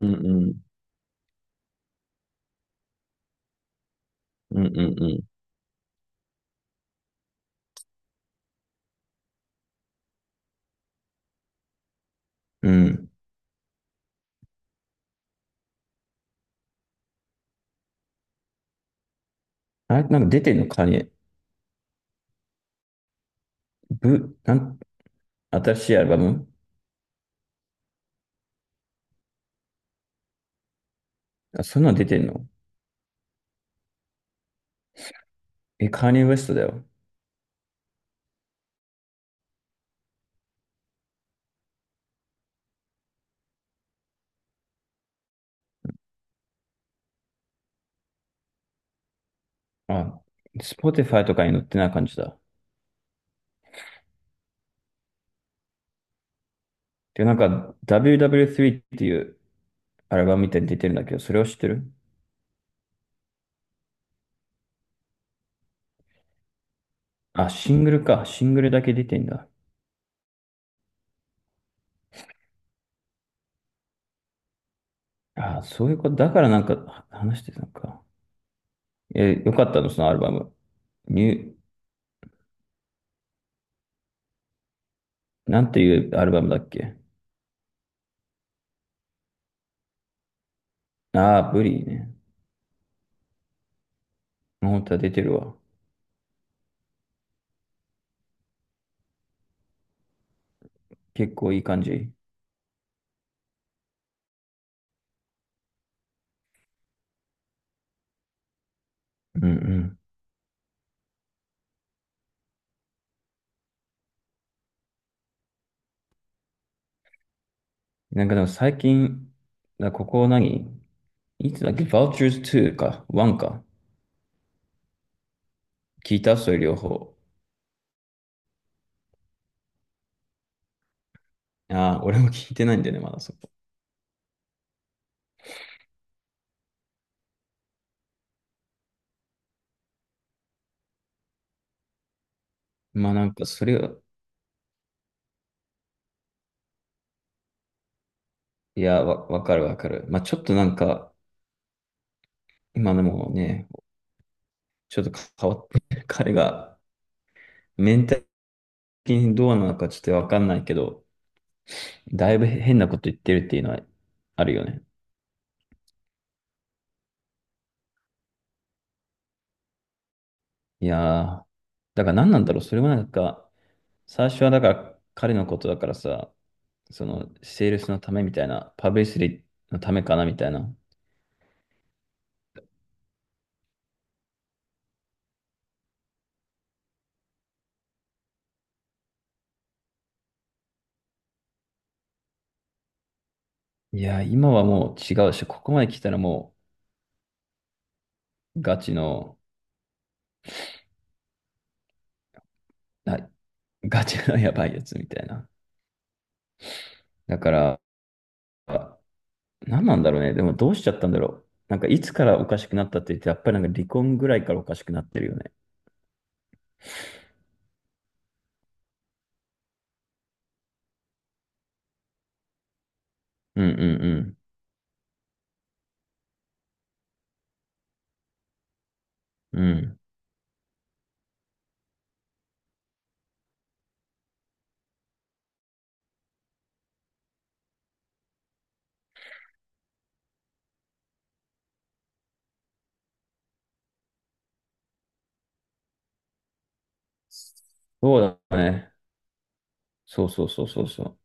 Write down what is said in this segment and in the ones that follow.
うんうん。うんうんうん。うん。あれ、なんか出てんのカーニエ。ブ、なん、新しいアルバム。あ、そんなの出てんの？え、カーニエ・ウエストだよ。あ、Spotify とかに載ってない感じだ。で、なんか WW3 っていうアルバムみたいに出てるんだけど、それを知ってる？あ、シングルか。シングルだけ出てんだ。あ、そういうこと。だからなんかは話してたのか。え、よかったのそのアルバム？ニュー、なんていうアルバムだっけ？ああー、ブリーね。本当は出てるわ。結構いい感じ。うんうん。なんかでも最近、だここ何、いつだっけ？ Vultures 2か？ 1 か、聞いたそれ両方？ああ、俺も聞いてないんだよね、まだそこ。まあなんかそれが、いや、わかるわかる。まあちょっとなんか、今でもね、ちょっと変わってる、彼がメンタル的にどうなのかちょっとわかんないけど、だいぶ変なこと言ってるっていうのはあるよね。いやー、だから何なんだろう。それもなんか、最初はだから彼のことだからさ、その、セールスのためみたいな、パブリシティのためかなみたいな。いや、今はもう違うし、ここまで来たらもう、ガチの、あ、ガチの やばいやつみたいな。だから、何なんだろうね。でもどうしちゃったんだろう。なんかいつからおかしくなったって言って、やっぱりなんか離婚ぐらいからおかしくなってるよね。うんうんうん。うん。そうだね。そうそうそうそうそ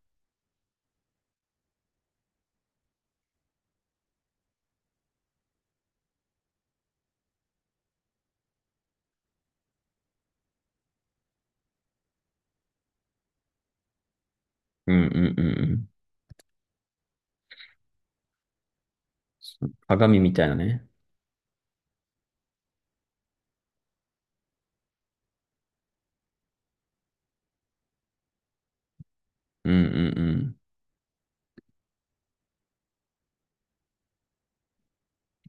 う。うんうんうんうん。そう、鏡みたいなね。うんうん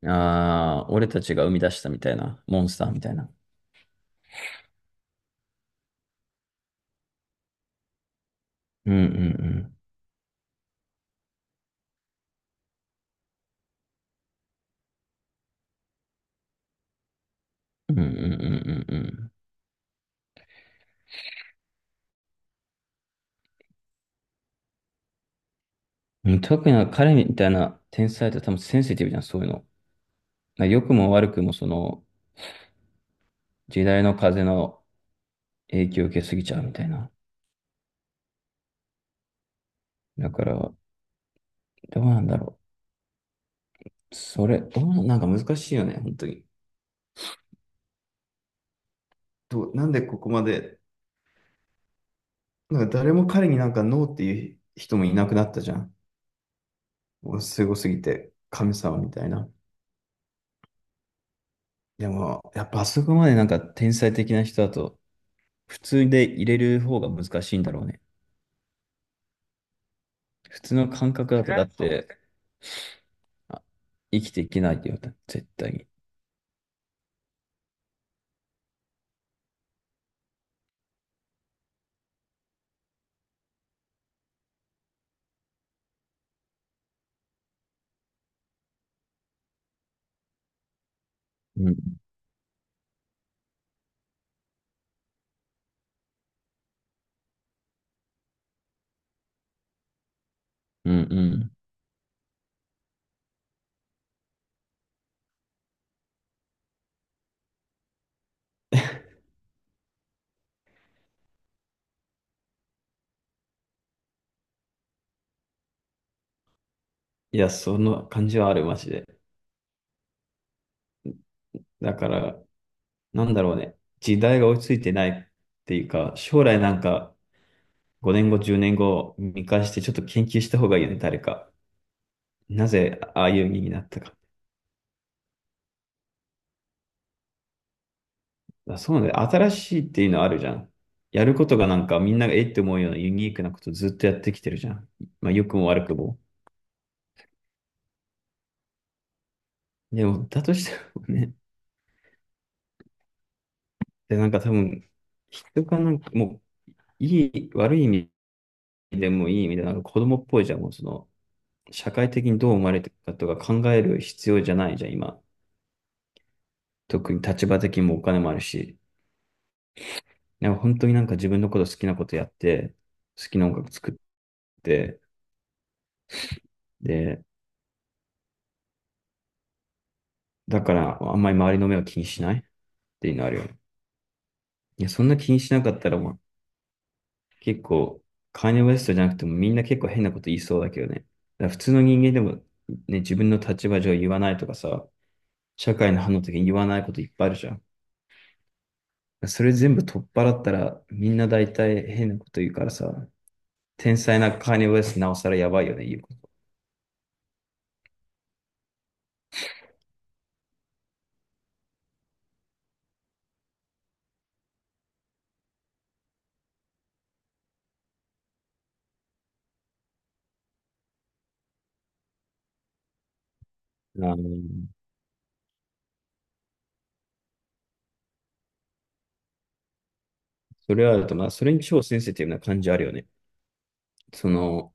うん。ああ、俺たちが生み出したみたいな、モンスターみたいな。うんうんうん。うんうんうんうんうん。特に彼みたいな天才って多分センシティブじゃん、そういうの。まあ良くも悪くもその時代の風の影響を受けすぎちゃうみたいな。だから、どうなんだろう。それ、どうな、なんか難しいよね、本当に。どう、なんでここまで、なんか誰も彼になんかノーっていう人もいなくなったじゃん。もうすごすぎて、神様みたいな。でも、やっあぱ、そこまでなんか天才的な人だと、普通で入れる方が難しいんだろうね。普通の感覚だと、だって、あ、生きていけないって言われた。絶対に。うん。うんうん。いや、その感じはある、マジで。だから、なんだろうね。時代が追いついてないっていうか、将来なんか5年後、10年後見返してちょっと研究した方がいいよね、誰か。なぜああいう意味になったか。あ、そうなんだよ。新しいっていうのあるじゃん。やることがなんかみんながえって思うようなユニークなことずっとやってきてるじゃん。まあ、良くも悪くも。でも、だとしてもね、で、なんか多分、人がなんかもう、いい、悪い意味でもいい意味で、なんか子供っぽいじゃん、もうその、社会的にどう思われてるかとか考える必要じゃないじゃん、今。特に立場的にもお金もあるし、なんか本当になんか自分のこと好きなことやって、好きな音楽作って、で、だからあんまり周りの目を気にしないっていうのあるよね。いや、そんな気にしなかったらもう、結構、カーニウエストじゃなくてもみんな結構変なこと言いそうだけどね。だから普通の人間でもね、自分の立場上言わないとかさ、社会の反応的に言わないこといっぱいあるじゃん。それ全部取っ払ったら、みんな大体変なこと言うからさ、天才なカーニバルスなおさらやばいよね、言うこと。それはあると、まあ、それに超センシティブな感じあるよね。その、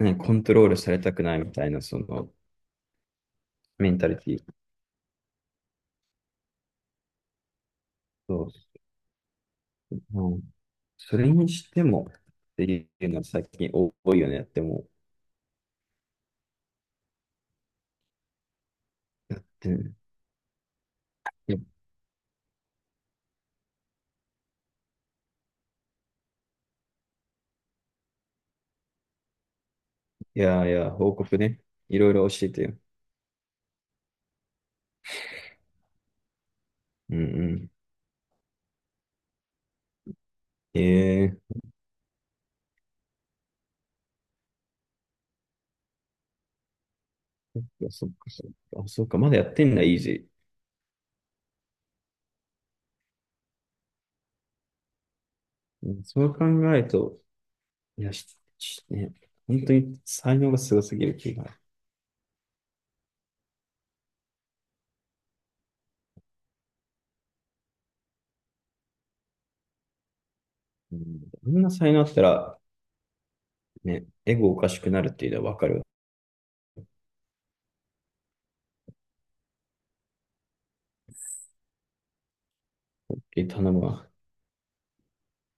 ね、コントロールされたくないみたいな、その、メンタリティ。そう。うん、それにしても、っていうのは最近多いよねってもう。だって、いやいや、報告ね。いろいろ教えてよ。うんうん。ええ、いや、そっか、そっか。あ、そっか、まだやってんだ、イージー。うん、そう考えると、しね、本当に才能がすごすぎる気が。うん、あんな才能あったら、ね、エゴおかしくなるっていうのはわかるわ。頼むわ。